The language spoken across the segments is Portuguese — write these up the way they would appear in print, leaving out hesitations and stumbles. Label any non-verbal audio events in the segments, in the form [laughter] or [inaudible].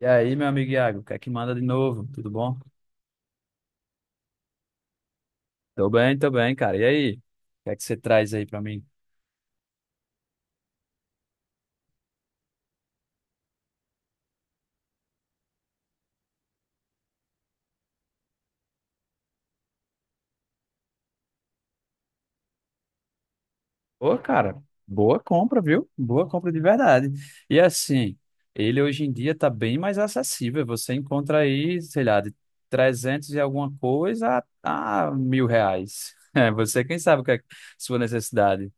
E aí, meu amigo Iago, o que é que manda de novo? Tudo bom? Tô bem, cara. E aí? O que é que você traz aí pra mim? Ô, cara, boa compra, viu? Boa compra de verdade. E assim, ele hoje em dia tá bem mais acessível. Você encontra aí, sei lá, de 300 e alguma coisa a mil reais. [laughs] É, você quem sabe o que é sua necessidade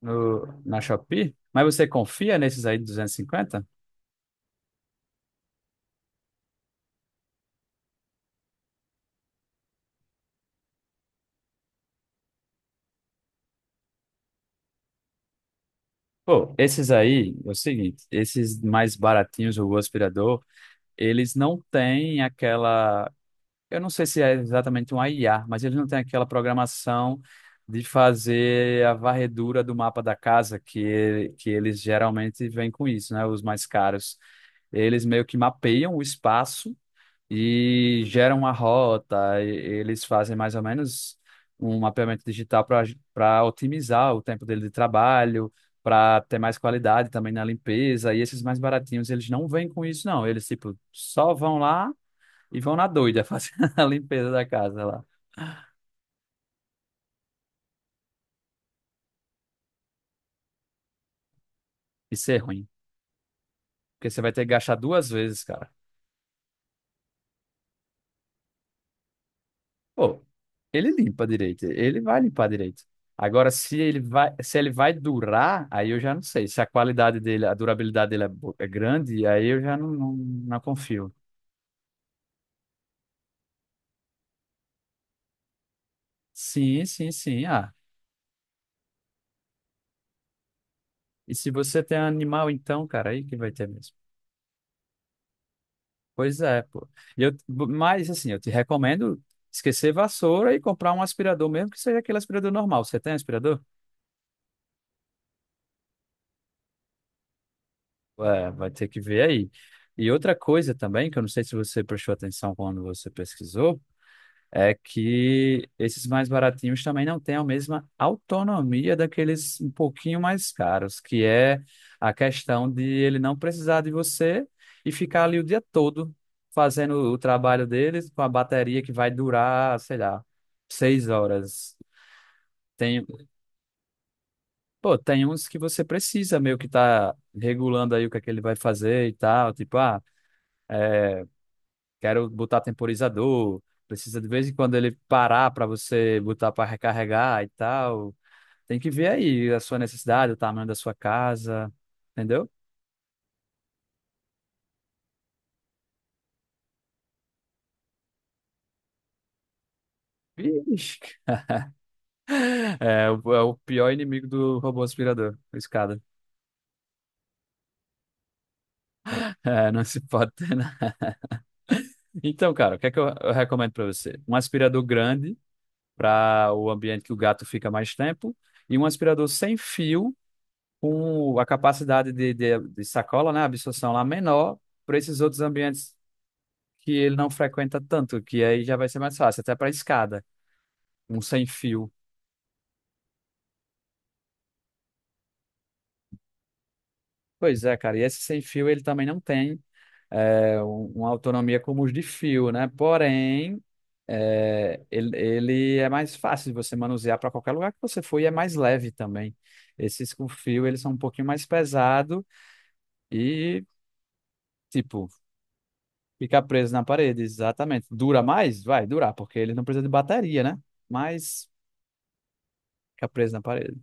no, na Shopee? Mas você confia nesses aí de 250? Pô, esses aí, é o seguinte, esses mais baratinhos, o aspirador. Eles não têm aquela. Eu não sei se é exatamente um IA, mas eles não têm aquela programação de fazer a varredura do mapa da casa, que eles geralmente vêm com isso, né? Os mais caros. Eles meio que mapeiam o espaço e geram uma rota, e eles fazem mais ou menos um mapeamento digital para otimizar o tempo dele de trabalho, para ter mais qualidade também na limpeza, e esses mais baratinhos, eles não vêm com isso, não. Eles, tipo, só vão lá e vão na doida [laughs] fazer a limpeza da casa lá. Isso é ruim, porque você vai ter que gastar duas vezes, cara. Pô, ele limpa direito, ele vai limpar direito. Agora, se ele vai durar, aí eu já não sei. Se a qualidade dele, a durabilidade dele é, é grande, aí eu já não, não, não confio. Sim, sim, sim. Ah, e se você tem animal, então, cara, aí que vai ter mesmo. Pois é, pô. E eu, mas, assim, eu te recomendo esquecer vassoura e comprar um aspirador, mesmo que seja aquele aspirador normal. Você tem aspirador? É, vai ter que ver aí. E outra coisa também, que eu não sei se você prestou atenção quando você pesquisou. É que esses mais baratinhos também não têm a mesma autonomia daqueles um pouquinho mais caros, que é a questão de ele não precisar de você e ficar ali o dia todo fazendo o trabalho deles com a bateria que vai durar, sei lá, 6 horas. Tem, pô, tem uns que você precisa meio que tá regulando aí o que é que ele vai fazer e tal, tipo, ah, é, quero botar temporizador, precisa de vez em quando ele parar para você botar para recarregar e tal. Tem que ver aí a sua necessidade, o tamanho da sua casa, entendeu? Vixe. [laughs] É, é o pior inimigo do robô aspirador, a escada. [laughs] É, não se pode ter, né? Então, cara, o que é que eu recomendo para você? Um aspirador grande para o ambiente que o gato fica mais tempo e um aspirador sem fio com a capacidade de sacola, né, absorção lá menor para esses outros ambientes que ele não frequenta tanto, que aí já vai ser mais fácil, até para escada, um sem fio. Pois é, cara, e esse sem fio ele também não tem é, uma autonomia como os de fio, né? Porém, é, ele é mais fácil de você manusear para qualquer lugar que você for e é mais leve também. Esses com fio, eles são um pouquinho mais pesado e, tipo, fica preso na parede, exatamente. Dura mais? Vai durar, porque ele não precisa de bateria, né? Mas fica preso na parede.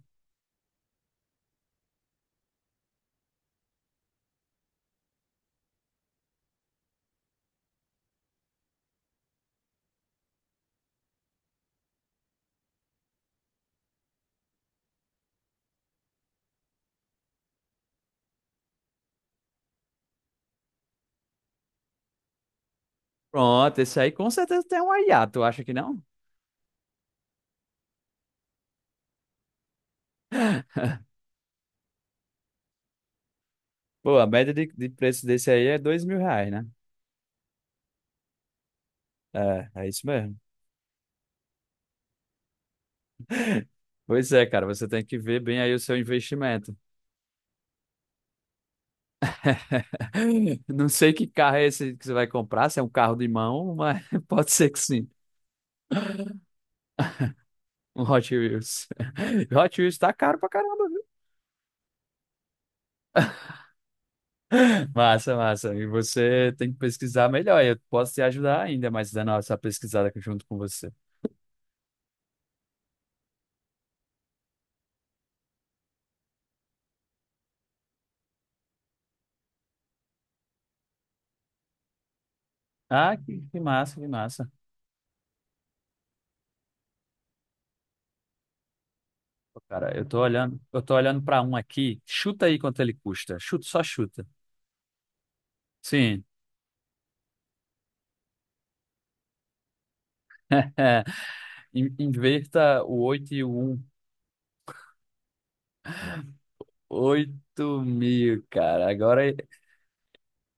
Pronto, esse aí com certeza tem um hiato, acha que não? [gasps] Pô, a média de preço desse aí é 2.000 reais, né? É, é isso mesmo. Pois é, cara, você tem que ver bem aí o seu investimento. [laughs] Não sei que carro é esse que você vai comprar, se é um carro de mão, mas [laughs] pode ser que sim. Um Hot Wheels. [laughs] Hot Wheels tá caro pra caramba, viu? [laughs] Massa, massa. E você tem que pesquisar melhor. Eu posso te ajudar ainda, mas dando essa pesquisada aqui junto com você. Ah, que massa, que massa. Cara, eu tô olhando para um aqui. Chuta aí quanto ele custa. Chuta, só chuta. Sim. [laughs] Inverta o 8 e o 1. 8 mil, cara. Agora é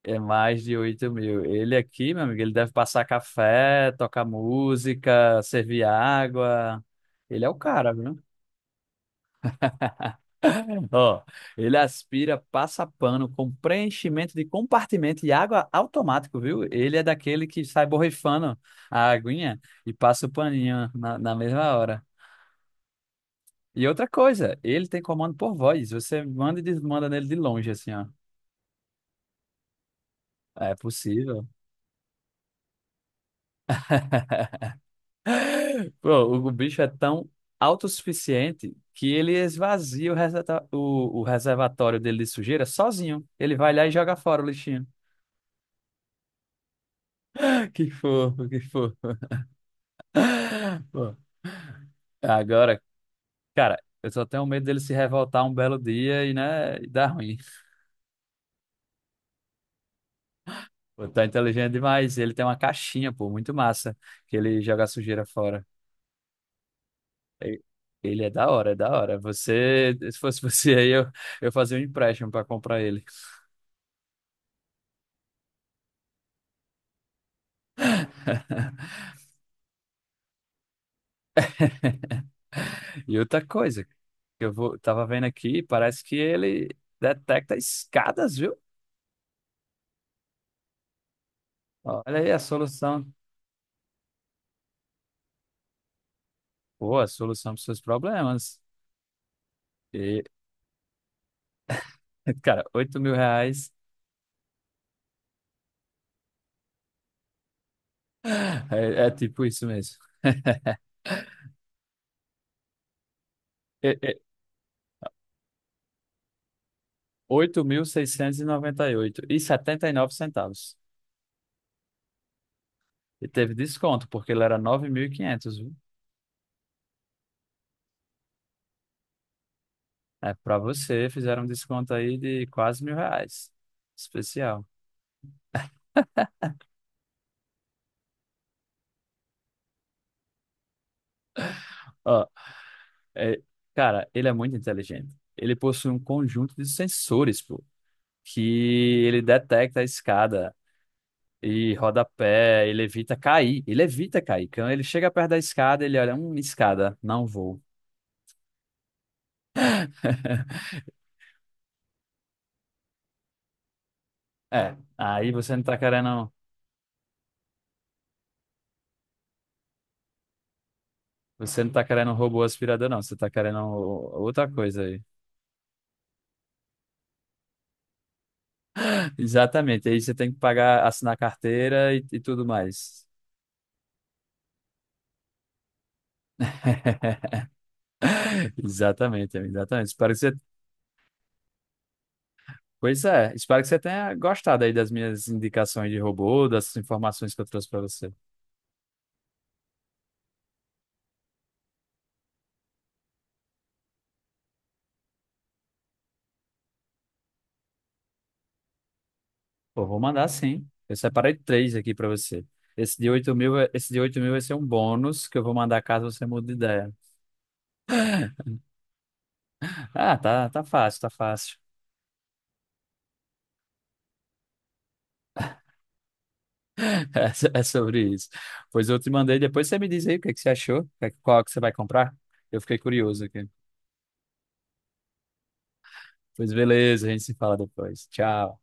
é mais de 8 mil. Ele aqui, meu amigo, ele deve passar café, tocar música, servir água. Ele é o cara, viu? Ó, ele aspira, passa pano com preenchimento de compartimento e água automático, viu? Ele é daquele que sai borrifando a aguinha e passa o paninho na, na mesma hora. E outra coisa, ele tem comando por voz. Você manda e desmanda nele de longe, assim, ó. É possível. [laughs] Pô, o bicho é tão autossuficiente que ele esvazia o reservatório dele de sujeira sozinho. Ele vai lá e joga fora o lixinho. [laughs] Que fofo, que fofo. [laughs] Agora, cara, eu só tenho medo dele se revoltar um belo dia e, né, e dar ruim. Pô, tá inteligente demais. Ele tem uma caixinha, pô, muito massa, que ele joga a sujeira fora. E- Ele é da hora, é da hora. Você, se fosse você aí, eu fazia um empréstimo pra comprar ele. [laughs] E outra coisa, que eu vou, tava vendo aqui, parece que ele detecta escadas, viu? Olha aí a solução. Pô, a solução para os seus problemas. E, [laughs] cara, 8 mil reais é tipo isso mesmo. É, é, oito mil seiscentos e noventa e oito setenta e nove centavos. E teve desconto, porque ele era 9.500, viu? É, para você, fizeram um desconto aí de quase mil reais. Especial. Ó, é, cara, ele é muito inteligente. Ele possui um conjunto de sensores, pô, que ele detecta a escada e rodapé, ele evita cair. Ele evita cair. Quando ele chega perto da escada, ele olha, escada, não vou. [laughs] É, aí você não tá querendo. Você não tá querendo um robô aspirador, não. Você tá querendo outra coisa aí. [laughs] Exatamente. Aí você tem que pagar, assinar carteira e tudo mais. [laughs] Exatamente, amigo, exatamente. Espero que você. Pois é, espero que você tenha gostado aí das minhas indicações de robô, dessas informações que eu trouxe para você. Pô, vou mandar sim. Eu separei três aqui para você. Esse de 8 mil, esse de 8 mil vai ser um bônus que eu vou mandar caso você mude de ideia. Ah, tá, tá fácil, tá fácil. [laughs] É, é sobre isso. Pois eu te mandei, depois você me diz aí o que é que você achou, qual que você vai comprar. Eu fiquei curioso aqui. Pois beleza, a gente se fala depois. Tchau.